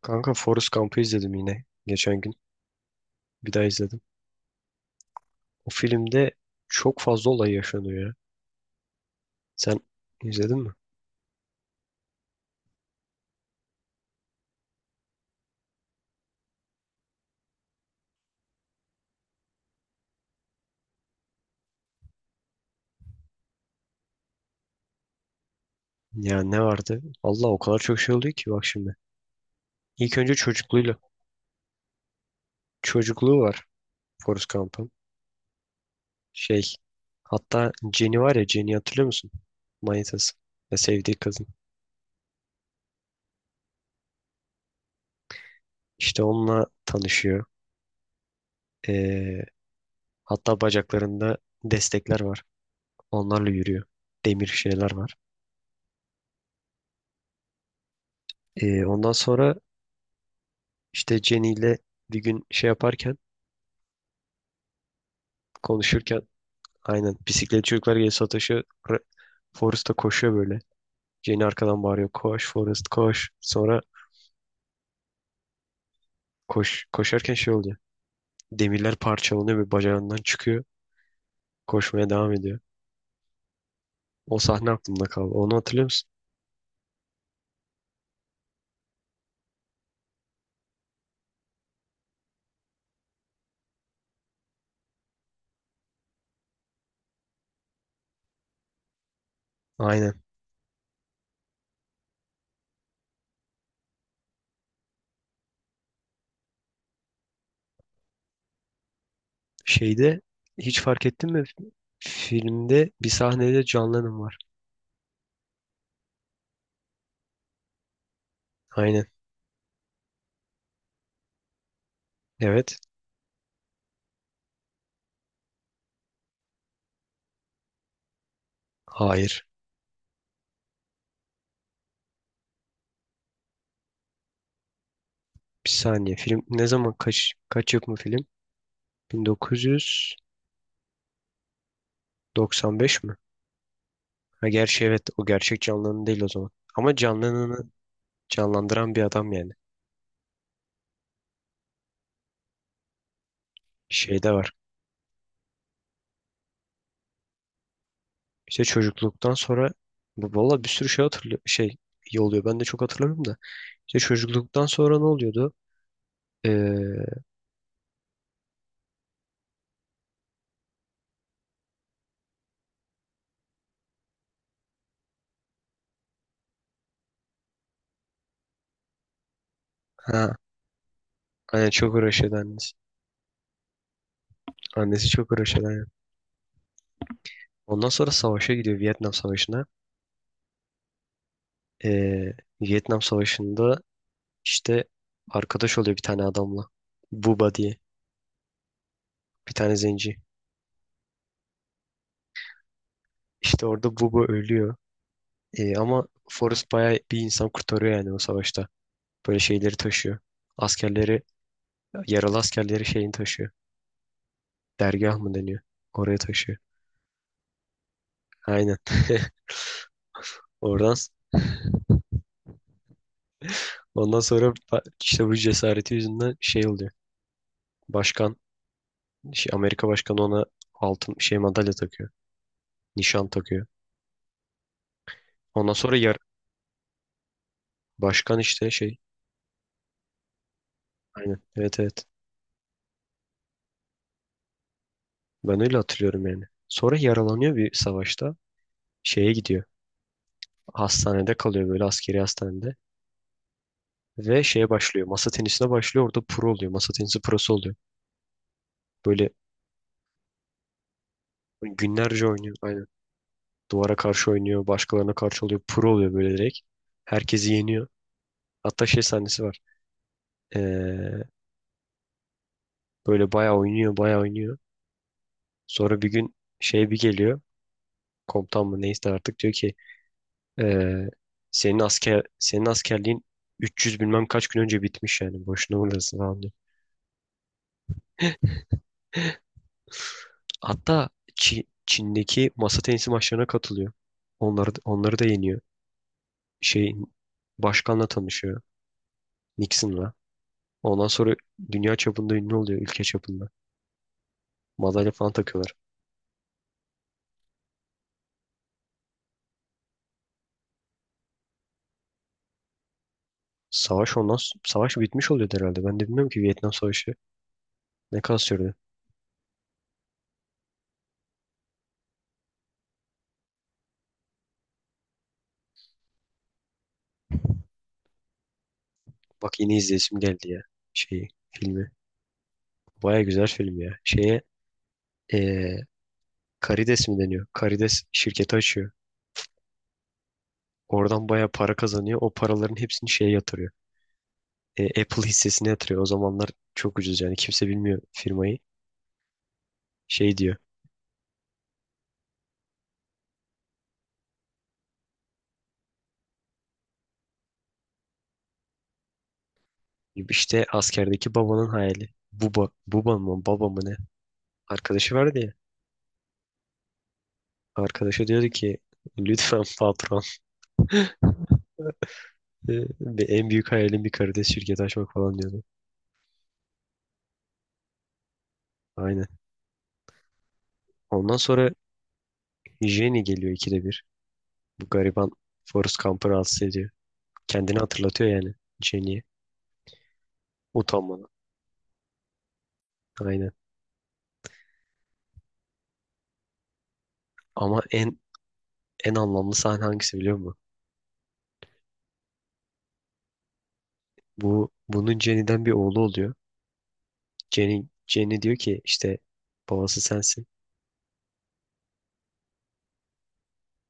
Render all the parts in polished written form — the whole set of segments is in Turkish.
Kanka Forrest Gump'ı izledim yine geçen gün. Bir daha izledim. O filmde çok fazla olay yaşanıyor ya. Sen izledin mi? Ya ne vardı? Allah o kadar çok şey oluyor ki bak şimdi. İlk önce çocukluğuyla. Çocukluğu var Forrest Gump'ın. Şey, hatta Jenny var ya, Jenny hatırlıyor musun? Manitası. Ya, sevdiği kadın. İşte onunla tanışıyor. Ee, hatta bacaklarında destekler var. Onlarla yürüyor. Demir şeyler var. Ondan sonra İşte Jenny ile bir gün şey yaparken, konuşurken, aynen, bisiklet çocuklar geliyor Satoshi, ra- Forrest koşuyor böyle. Jenny arkadan bağırıyor, koş Forrest koş. Sonra koşarken şey oluyor. Demirler parçalanıyor ve bacağından çıkıyor. Koşmaya devam ediyor. O sahne aklımda kaldı. Onu hatırlıyor musun? Aynen. Şeyde hiç fark ettin mi? Filmde bir sahnede John Lennon var. Aynen. Evet. Hayır. Bir saniye. Film ne zaman, kaç yapımı film? 1900 95 mi? Ha gerçi evet, o gerçek canlının değil o zaman. Ama canlılığını canlandıran bir adam yani. Şeyde var. İşte çocukluktan sonra valla bir sürü şey hatırlıyor, şey iyi oluyor. Ben de çok hatırlamıyorum da. İşte çocukluktan sonra ne oluyordu? Ee, ha aynen, çok uğraşıyordu annesi. Annesi çok uğraşıyordu, aynen. Ondan sonra savaşa gidiyor, Vietnam Savaşı'na. Ee, Vietnam Savaşı'nda işte arkadaş oluyor bir tane adamla. Buba diye. Bir tane zenci. İşte orada Buba ölüyor. Ama Forrest bayağı bir insan kurtarıyor yani o savaşta. Böyle şeyleri taşıyor. Askerleri, yaralı askerleri, şeyini taşıyor. Dergah mı deniyor? Oraya taşıyor. Aynen. Oradan, ondan sonra işte bu cesareti yüzünden şey oluyor. Başkan, şey, Amerika başkanı ona altın şey, madalya takıyor. Nişan takıyor. Ondan sonra başkan işte, şey. Aynen. Evet, evet. Ben öyle hatırlıyorum yani. Sonra yaralanıyor bir savaşta. Şeye gidiyor. Hastanede kalıyor böyle, askeri hastanede. Ve şeye başlıyor. Masa tenisine başlıyor. Orada pro oluyor. Masa tenisi prosu oluyor. Böyle günlerce oynuyor. Aynen. Duvara karşı oynuyor. Başkalarına karşı oluyor. Pro oluyor böyle direkt. Herkesi yeniyor. Hatta şey sahnesi var. Ee, böyle bayağı oynuyor. Bayağı oynuyor. Sonra bir gün şey bir geliyor. Komutan mı neyse artık, diyor ki ee, senin askerliğin 300 bilmem kaç gün önce bitmiş yani. Boşuna uğraşsın falan diyor. Hatta Çin'deki masa tenisi maçlarına katılıyor. Onları da yeniyor. Şeyin, başkanla tanışıyor. Nixon'la. Ondan sonra dünya çapında ünlü oluyor, ülke çapında. Madalya falan takıyorlar. Savaş, savaş bitmiş oluyor herhalde. Ben de bilmiyorum ki, Vietnam Savaşı ne kadar sürdü. Bak yine izleyesim geldi ya şeyi, filmi. Baya güzel film ya. Şeye, eee karides mi deniyor? Karides şirketi açıyor. Oradan baya para kazanıyor. O paraların hepsini şeye yatırıyor. Apple hissesine yatırıyor. O zamanlar çok ucuz yani, kimse bilmiyor firmayı. Şey diyor. İşte askerdeki babanın hayali. Buba, buba mı, baba mı, ne? Arkadaşı vardı ya. Arkadaşı diyordu ki lütfen patron. Ve en büyük hayalim bir karides şirketi açmak falan diyordu. Aynen. Ondan sonra Jenny geliyor ikide bir. Bu gariban Forrest Gump'ı rahatsız ediyor. Kendini hatırlatıyor yani Jenny'ye. Utanmadan. Aynen. Ama en anlamlı sahne hangisi biliyor musun? Bunun Jenny'den bir oğlu oluyor. Jenny diyor ki işte, babası sensin.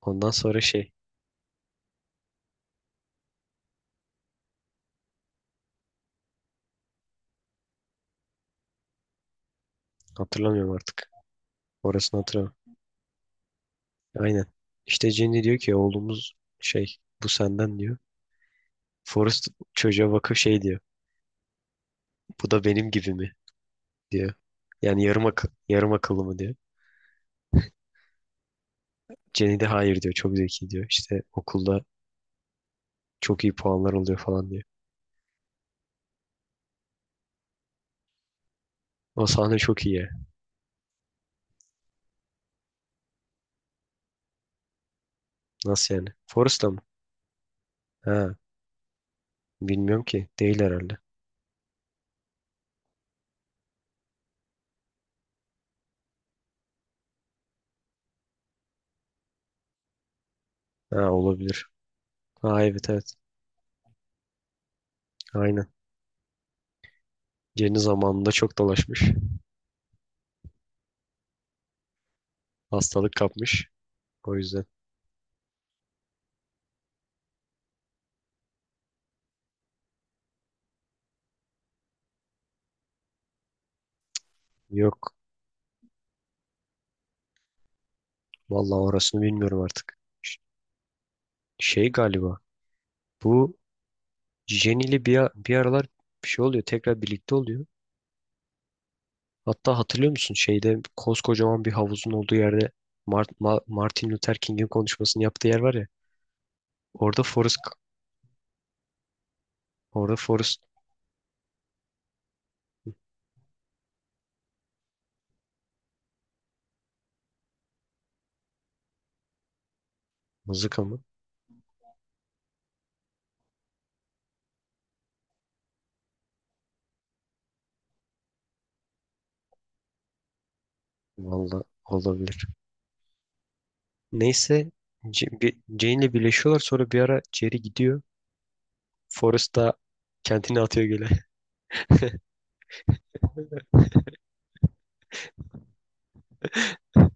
Ondan sonra şey, hatırlamıyorum artık. Orasını hatırlamıyorum. Aynen. İşte Jenny diyor ki oğlumuz şey, bu senden diyor. Forrest çocuğa bakıp şey diyor. Bu da benim gibi mi diyor. Yani yarım akıllı mı diyor. Jenny de hayır diyor. Çok zeki diyor. İşte okulda çok iyi puanlar oluyor falan diyor. O sahne çok iyi ya. Nasıl yani? Forrest mı? Ha, bilmiyorum ki. Değil herhalde. Ha, olabilir. Ha, evet, evet. Aynen. Jenny zamanında çok dolaşmış. Hastalık kapmış. O yüzden. Yok. Vallahi orasını bilmiyorum artık. Şey galiba. Bu Jenny ile bir aralar bir şey oluyor. Tekrar birlikte oluyor. Hatta hatırlıyor musun şeyde, koskocaman bir havuzun olduğu yerde, Martin Luther King'in konuşmasını yaptığı yer var ya. Orada Forrest orada Forrest mızıka mı? Vallahi olabilir. Neyse Jane ile birleşiyorlar, sonra bir ara Jerry gidiyor. Forrest da kendini atıyor göle.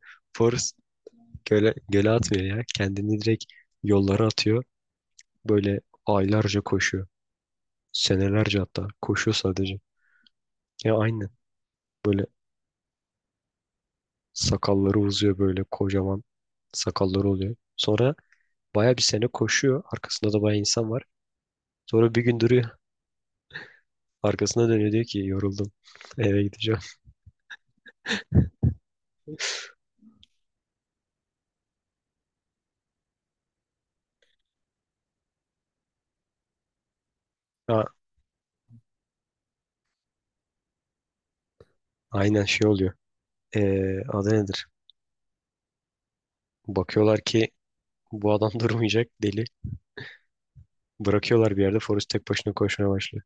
Forrest göle atmıyor ya. Kendini direkt yollara atıyor. Böyle aylarca koşuyor. Senelerce hatta, koşuyor sadece. Ya aynen. Böyle sakalları uzuyor, böyle kocaman sakalları oluyor. Sonra baya bir sene koşuyor. Arkasında da baya insan var. Sonra bir gün duruyor. Arkasına dönüyor, diyor ki yoruldum. Eve gideceğim. Ha, aynen şey oluyor. Adı nedir? Bakıyorlar ki bu adam durmayacak, deli. Bırakıyorlar bir yerde. Forrest tek başına koşmaya başlıyor.